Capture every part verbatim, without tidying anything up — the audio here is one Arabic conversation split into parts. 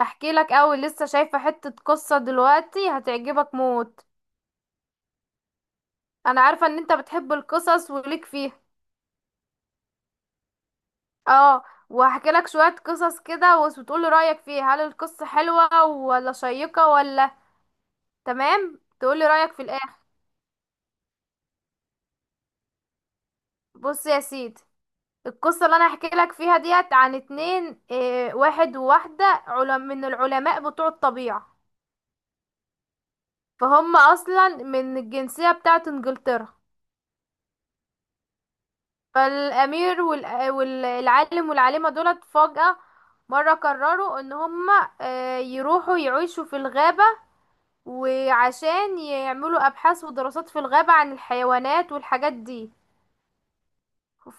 احكي لك اول لسه شايفة حتة قصة دلوقتي هتعجبك موت. انا عارفة ان انت بتحب القصص وليك فيها. اه وهحكي لك شوية قصص كده وتقولي رأيك فيها، هل القصة حلوة ولا شيقة ولا تمام، تقولي رأيك في الاخر. بص يا سيدي، القصة اللي انا هحكي لك فيها ديت عن اتنين، اه واحد وواحدة، علم من العلماء بتوع الطبيعة، فهم اصلا من الجنسية بتاعت انجلترا. فالامير والأ- والعالم والعالمة دولت فجأة مرة قرروا ان هما آه، يروحوا يعيشوا في الغابة، وعشان يعملوا ابحاث ودراسات في الغابة عن الحيوانات والحاجات دي.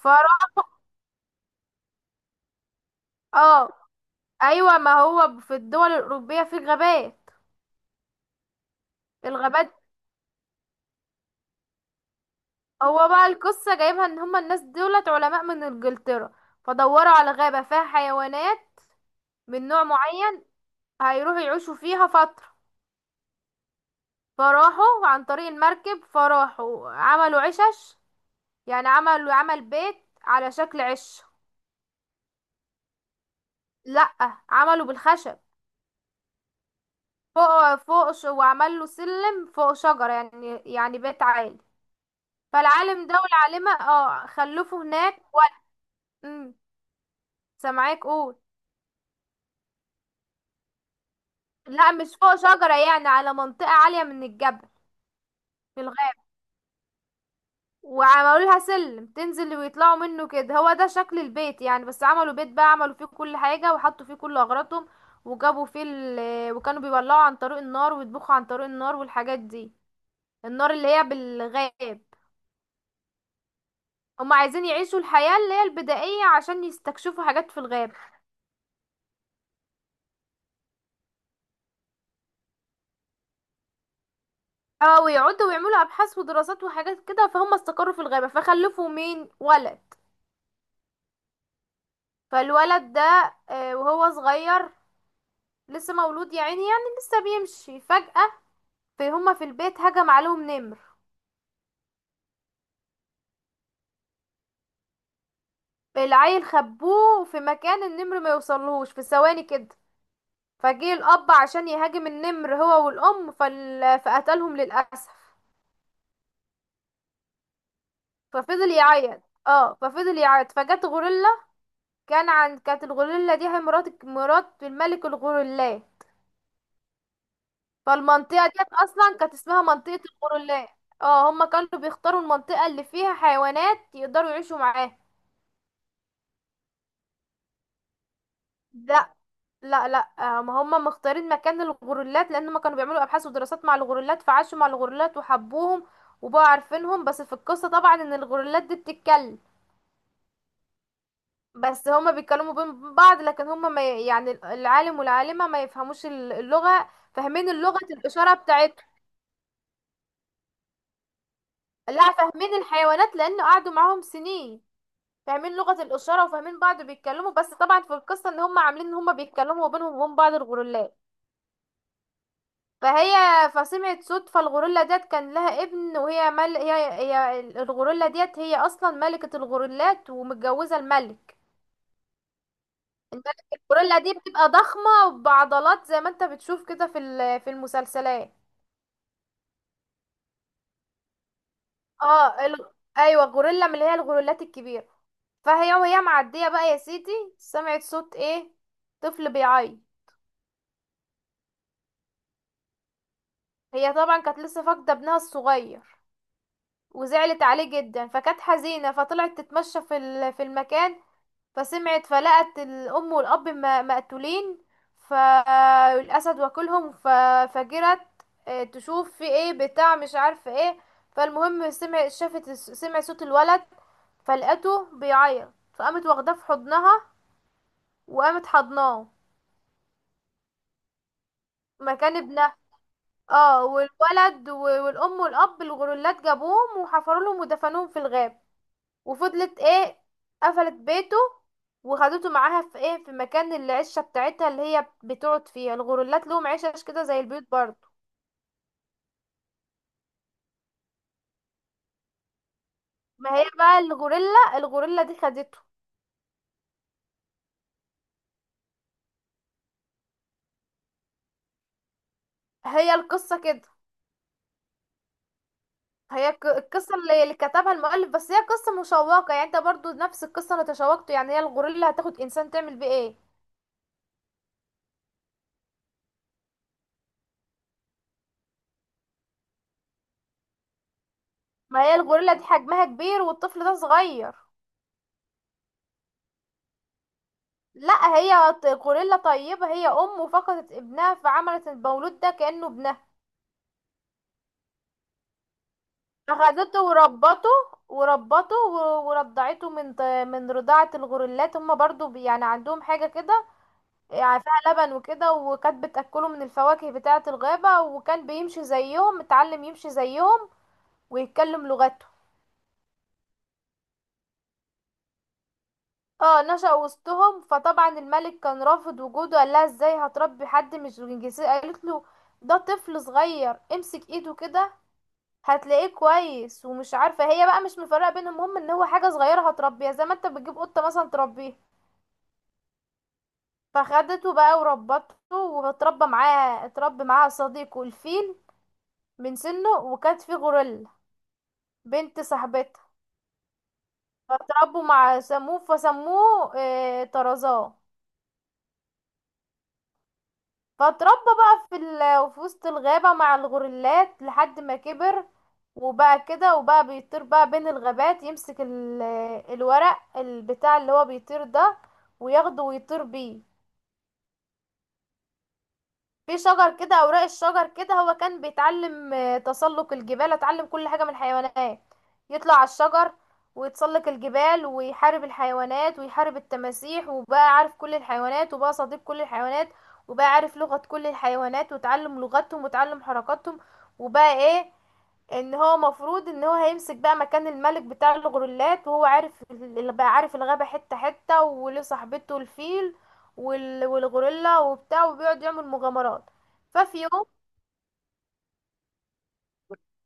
فراح. اه ايوه، ما هو في الدول الاوروبية في غابات. الغابات. هو بقى القصة جايبها ان هما الناس دولت علماء من انجلترا، فدوروا على غابة فيها حيوانات من نوع معين هيروحوا يعيشوا فيها فترة. فراحوا عن طريق المركب، فراحوا عملوا عشش، يعني عملوا عمل بيت على شكل عش. لأ، عملوا بالخشب فوق فوق ش- وعمل له سلم فوق شجرة، يعني يعني بيت عالي. فالعالم ده والعالمة اه خلفوا هناك و... سامعاك قول. لا مش فوق شجرة، يعني على منطقة عالية من الجبل في الغابة، وعملوا لها سلم تنزل ويطلعوا منه كده، هو ده شكل البيت يعني. بس عملوا بيت بقى، عملوا فيه كل حاجة وحطوا فيه كل أغراضهم، وجابوا فيه ال... آه، وكانوا بيولعوا عن طريق النار ويطبخوا عن طريق النار والحاجات دي، النار اللي هي بالغاب. هم عايزين يعيشوا الحياة اللي هي البدائية عشان يستكشفوا حاجات في الغاب. اه ويقعدوا ويعملوا أبحاث ودراسات وحاجات كده. فهم استقروا في الغابة فخلفوا مين ولد. فالولد ده آه، وهو صغير لسه مولود يا عيني، يعني لسه بيمشي فجأة. في هما في البيت هجم عليهم نمر. العيل خبوه في مكان النمر ما يوصلهوش في ثواني كده. فجه الأب عشان يهاجم النمر هو والأم فال... فقتلهم للأسف. ففضل يعيط. اه ففضل يعيط فجت غوريلا. كان عن كانت الغوريلا دي هي مرات مرات الملك الغوريلا، فالمنطقة ديت أصلا كانت اسمها منطقة الغوريلا. اه هما كانوا بيختاروا المنطقة اللي فيها حيوانات يقدروا يعيشوا معاها. ده لا لا، آه، ما هم مختارين مكان الغوريلات لان هم كانوا بيعملوا ابحاث ودراسات مع الغوريلات، فعاشوا مع الغوريلات وحبوهم وبقوا عارفينهم. بس في القصة طبعا ان الغوريلات دي بتتكلم، بس هما بيتكلموا بين بعض، لكن هما ما ي- يعني العالم والعالمة ما يفهموش ال- اللغة، فاهمين اللغة الإشارة بتاعتهم. لا، فاهمين الحيوانات لأن قعدوا معاهم سنين، فاهمين لغة الإشارة وفاهمين بعض بيتكلموا. بس طبعا في القصة ان هما عاملين ان هما بيتكلموا بينهم وبين بعض الغوريلات. فهي فسمعت صوت. فالغوريلا ديت كان لها ابن، وهي مل... هي... هي الغوريلا ديت هي اصلا ملكة الغوريلات ومتجوزة الملك. الملك الغوريلا دي بتبقى ضخمة بعضلات، زي ما انت بتشوف كده في ال... في المسلسلات. اه ال... ايوه غوريلا من اللي هي الغوريلات الكبيرة. فهي وهي معدية بقى يا سيدي، سمعت صوت ايه؟ طفل بيعيط. هي طبعا كانت لسه فاقدة ابنها الصغير وزعلت عليه جدا فكانت حزينة، فطلعت تتمشى في ال- في المكان، فسمعت فلقت الأم والأب م- مقتولين، فالأسد واكلهم ففجرت، آه، تشوف في ايه بتاع مش عارفة ايه. فالمهم سمع شافت الس- سمع صوت الولد فلقته بيعيط، فقامت واخداه في حضنها وقامت حضناه مكان ابنها. اه والولد و- والأم والأب الغرولات جابوهم وحفروا لهم ودفنوهم في الغابة. وفضلت ايه، قفلت بيته وخدته معاها في ايه، في مكان العشه بتاعتها اللي هي بتقعد فيها. الغوريلات لهم عشش كده زي البيوت برضه. ما هي بقى الغوريلا، الغوريلا دي خدته. هي القصه كده. هي ك- القصه اللي اللي كتبها المؤلف، بس هي قصه مشوقه يعني، انت برضو نفس القصه اللي تشوقته يعني، هي الغوريلا هتاخد انسان تعمل بيه ايه. ما هي الغوريلا دي حجمها كبير والطفل ده صغير. لا، هي ط- غوريلا طيبه، هي ام وفقدت ابنها فعملت المولود ده كانه ابنها، أخذته وربته. وربته و- ورضعته من ط- من رضاعة الغرلات، هما برضو بي- يعني عندهم حاجة كده يعني فيها لبن وكده، وكانت بتأكله من الفواكه بتاعة الغابة، وكان بيمشي زيهم، اتعلم يمشي زيهم ويتكلم لغته. اه نشأ وسطهم. فطبعا الملك كان رافض وجوده، قال لها ازاي هتربي حد مش من جنسيته؟ قالت له ده طفل صغير، امسك ايده كده هتلاقيه كويس، ومش عارفه، هي بقى مش مفرقه بينهم، المهم ان هو حاجه صغيره هتربيها زي ما انت بتجيب قطه مثلا تربيها. فخدته بقى وربته، واتربى معاه اتربى معاها صديقه الفيل من سنه، وكانت فيه غوريلا بنت صاحبتها، فتربوا مع سموه، فسموه اه طرزان. فاتربى بقى في ال... في وسط الغابة مع الغوريلات لحد ما كبر، وبقى كده، وبقى بيطير بقى بين الغابات يمسك ال... الورق البتاع اللي هو بيطير ده، وياخده ويطير بيه. في شجر كده، اوراق الشجر كده، هو كان بيتعلم آه، تسلق الجبال، اتعلم كل حاجة من الحيوانات، يطلع على الشجر ويتسلق الجبال ويحارب الحيوانات ويحارب التماسيح، وبقى عارف كل الحيوانات وبقى صديق كل الحيوانات، وبقى عارف لغة كل الحيوانات وتعلم لغتهم وتعلم حركاتهم. وبقى ايه، ان هو مفروض ان هو هيمسك بقى مكان الملك بتاع الغرولات، وهو عارف اللي بقى عارف الغابة حتة حتة، وله صاحبته الفيل وال- والغوريلا وبتاع، وبيقعد يعمل مغامرات. ففي يوم،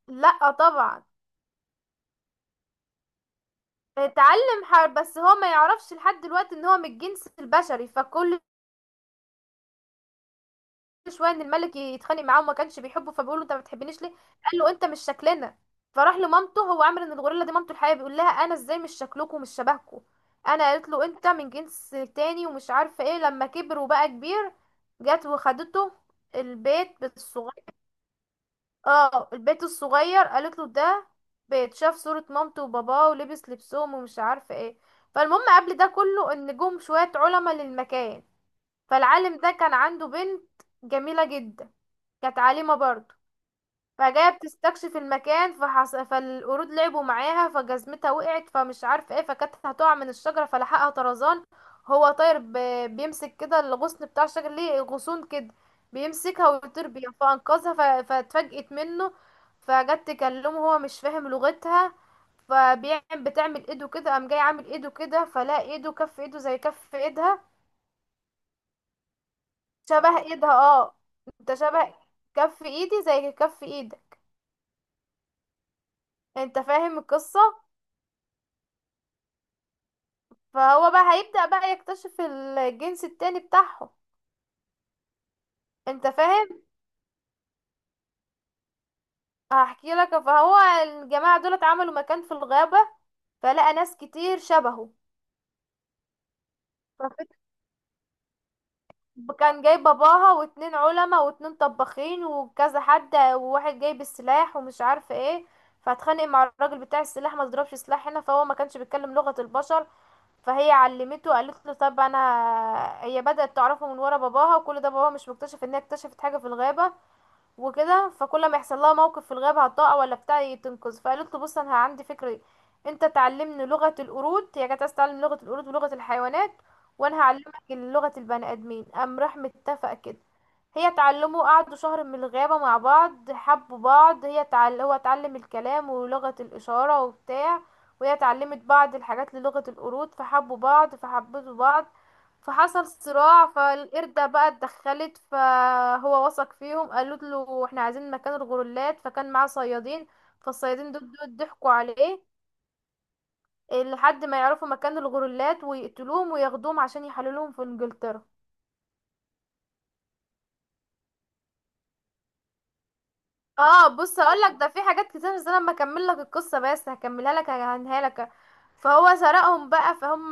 لا طبعا، اتعلم حرب. بس هو ما يعرفش لحد دلوقتي ان هو من الجنس البشري، فكل شويه ان الملك يتخانق معاه وما كانش بيحبه، فبيقول له انت ما بتحبنيش ليه؟ قال له انت مش شكلنا. فراح لمامته، هو عامل ان الغوريلا دي مامته الحقيقيه، بيقول لها انا ازاي مش شكلكم ومش شبهكم؟ انا قالت له انت من جنس تاني ومش عارفه ايه. لما كبر وبقى كبير، جت وخدته البيت الصغير، اه البيت الصغير، قالت له ده بيت، شاف صورة مامته وباباه ولبس لبسهم ومش عارفه ايه. فالمهم قبل ده كله ان جم شويه علماء للمكان. فالعالم ده كان عنده بنت جميلة جدا، كانت عالمة برضه، فجاية بتستكشف المكان. فحص... فالقرود لعبوا معاها فجزمتها وقعت فمش عارفة ايه، فكانت هتقع من الشجرة فلحقها طرزان. هو طاير ب... بيمسك كده الغصن بتاع الشجر، ليه غصون كده، بيمسكها ويطير بيها فأنقذها. ف... فاتفاجئت منه، فجت تكلمه هو مش فاهم لغتها، فبيعمل بتعمل ايده كده، قام جاي عامل ايده كده، فلا ايده كف ايده زي كف ايدها، شبه ايدها اه، انت شبه، كف ايدي زي كف ايدك. انت فاهم القصة؟ فهو بقى هيبدأ بقى يكتشف الجنس التاني بتاعهم. انت فاهم. هحكي لك. فهو الجماعة دول اتعملوا مكان في الغابة، فلقى ناس كتير شبهه. ففت- كان جاي باباها واتنين علماء واتنين طباخين وكذا حد، وواحد جايب السلاح ومش عارفه ايه، فاتخانق مع الراجل بتاع السلاح، ما ضربش سلاح هنا، فهو ما كانش بيتكلم لغة البشر. فهي علمته، قالت له طب انا، هي بدأت تعرفه من ورا باباها وكل ده باباها مش مكتشف ان هي اكتشفت حاجة في الغابة وكده، فكل ما يحصل لها موقف في الغابة هتقع ولا بتاع تنقذ. فقالت له بص، انا عندي فكرة، انت تعلمني لغة القرود، هي كانت عايزة تتعلم لغة القرود ولغة الحيوانات، وانا هعلمك لغة البني ادمين. قام راح متفق كده، هي تعلموا قعدوا شهر من الغابة مع بعض، حبوا بعض، هي تعل... هو اتعلم الكلام ولغة الإشارة وبتاع، وهي اتعلمت بعض الحاجات للغة القرود، فحبوا بعض فحبتوا بعض. فحصل صراع، فالقردة بقى اتدخلت، فهو وثق فيهم، قالت له احنا عايزين مكان الغرولات، فكان معاه صيادين، فالصيادين دول دول ضحكوا عليه لحد ما يعرفوا مكان الغرولات ويقتلوهم وياخدوهم عشان يحللوهم في انجلترا. اه بص اقول لك، ده في حاجات كتير، بس انا لما اكمل لك القصه، بس هكملها لك هنهاها لك. فهو سرقهم بقى، فهم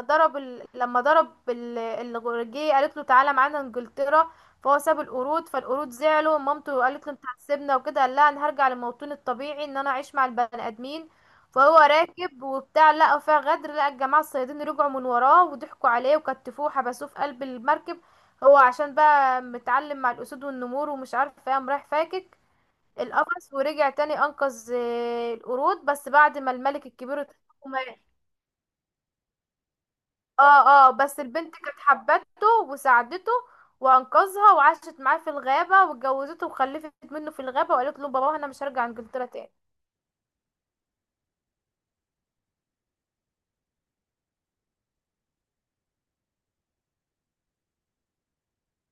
ضرب ال... لما ضرب ال... الغرجيه، قالت له تعالى معانا انجلترا. فهو ساب القرود، فالقرود زعلوا، مامته قالت له انت هتسيبنا وكده، قال لها انا هرجع لموطني الطبيعي ان انا اعيش مع البني ادمين. فهو راكب وبتاع لقى فيها غدر، لقى الجماعه الصيادين رجعوا من وراه وضحكوا عليه وكتفوه وحبسوه في قلب المركب. هو عشان بقى متعلم مع الاسود والنمور ومش عارف ايه، قام رايح فاكك القفص ورجع تاني انقذ آه، القرود، بس بعد ما الملك الكبير اتحكم. اه اه بس البنت كانت حبته وساعدته وانقذها، وعاشت معاه في الغابة واتجوزته وخلفت منه في الغابة، وقالت له بابا انا مش هرجع انجلترا تاني.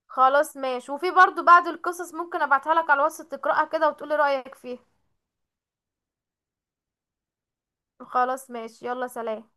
خلاص ماشي، وفي برضو بعض القصص ممكن ابعتها لك على الواتس تقراها كده وتقولي رأيك فيها. خلاص ماشي، يلا سلام.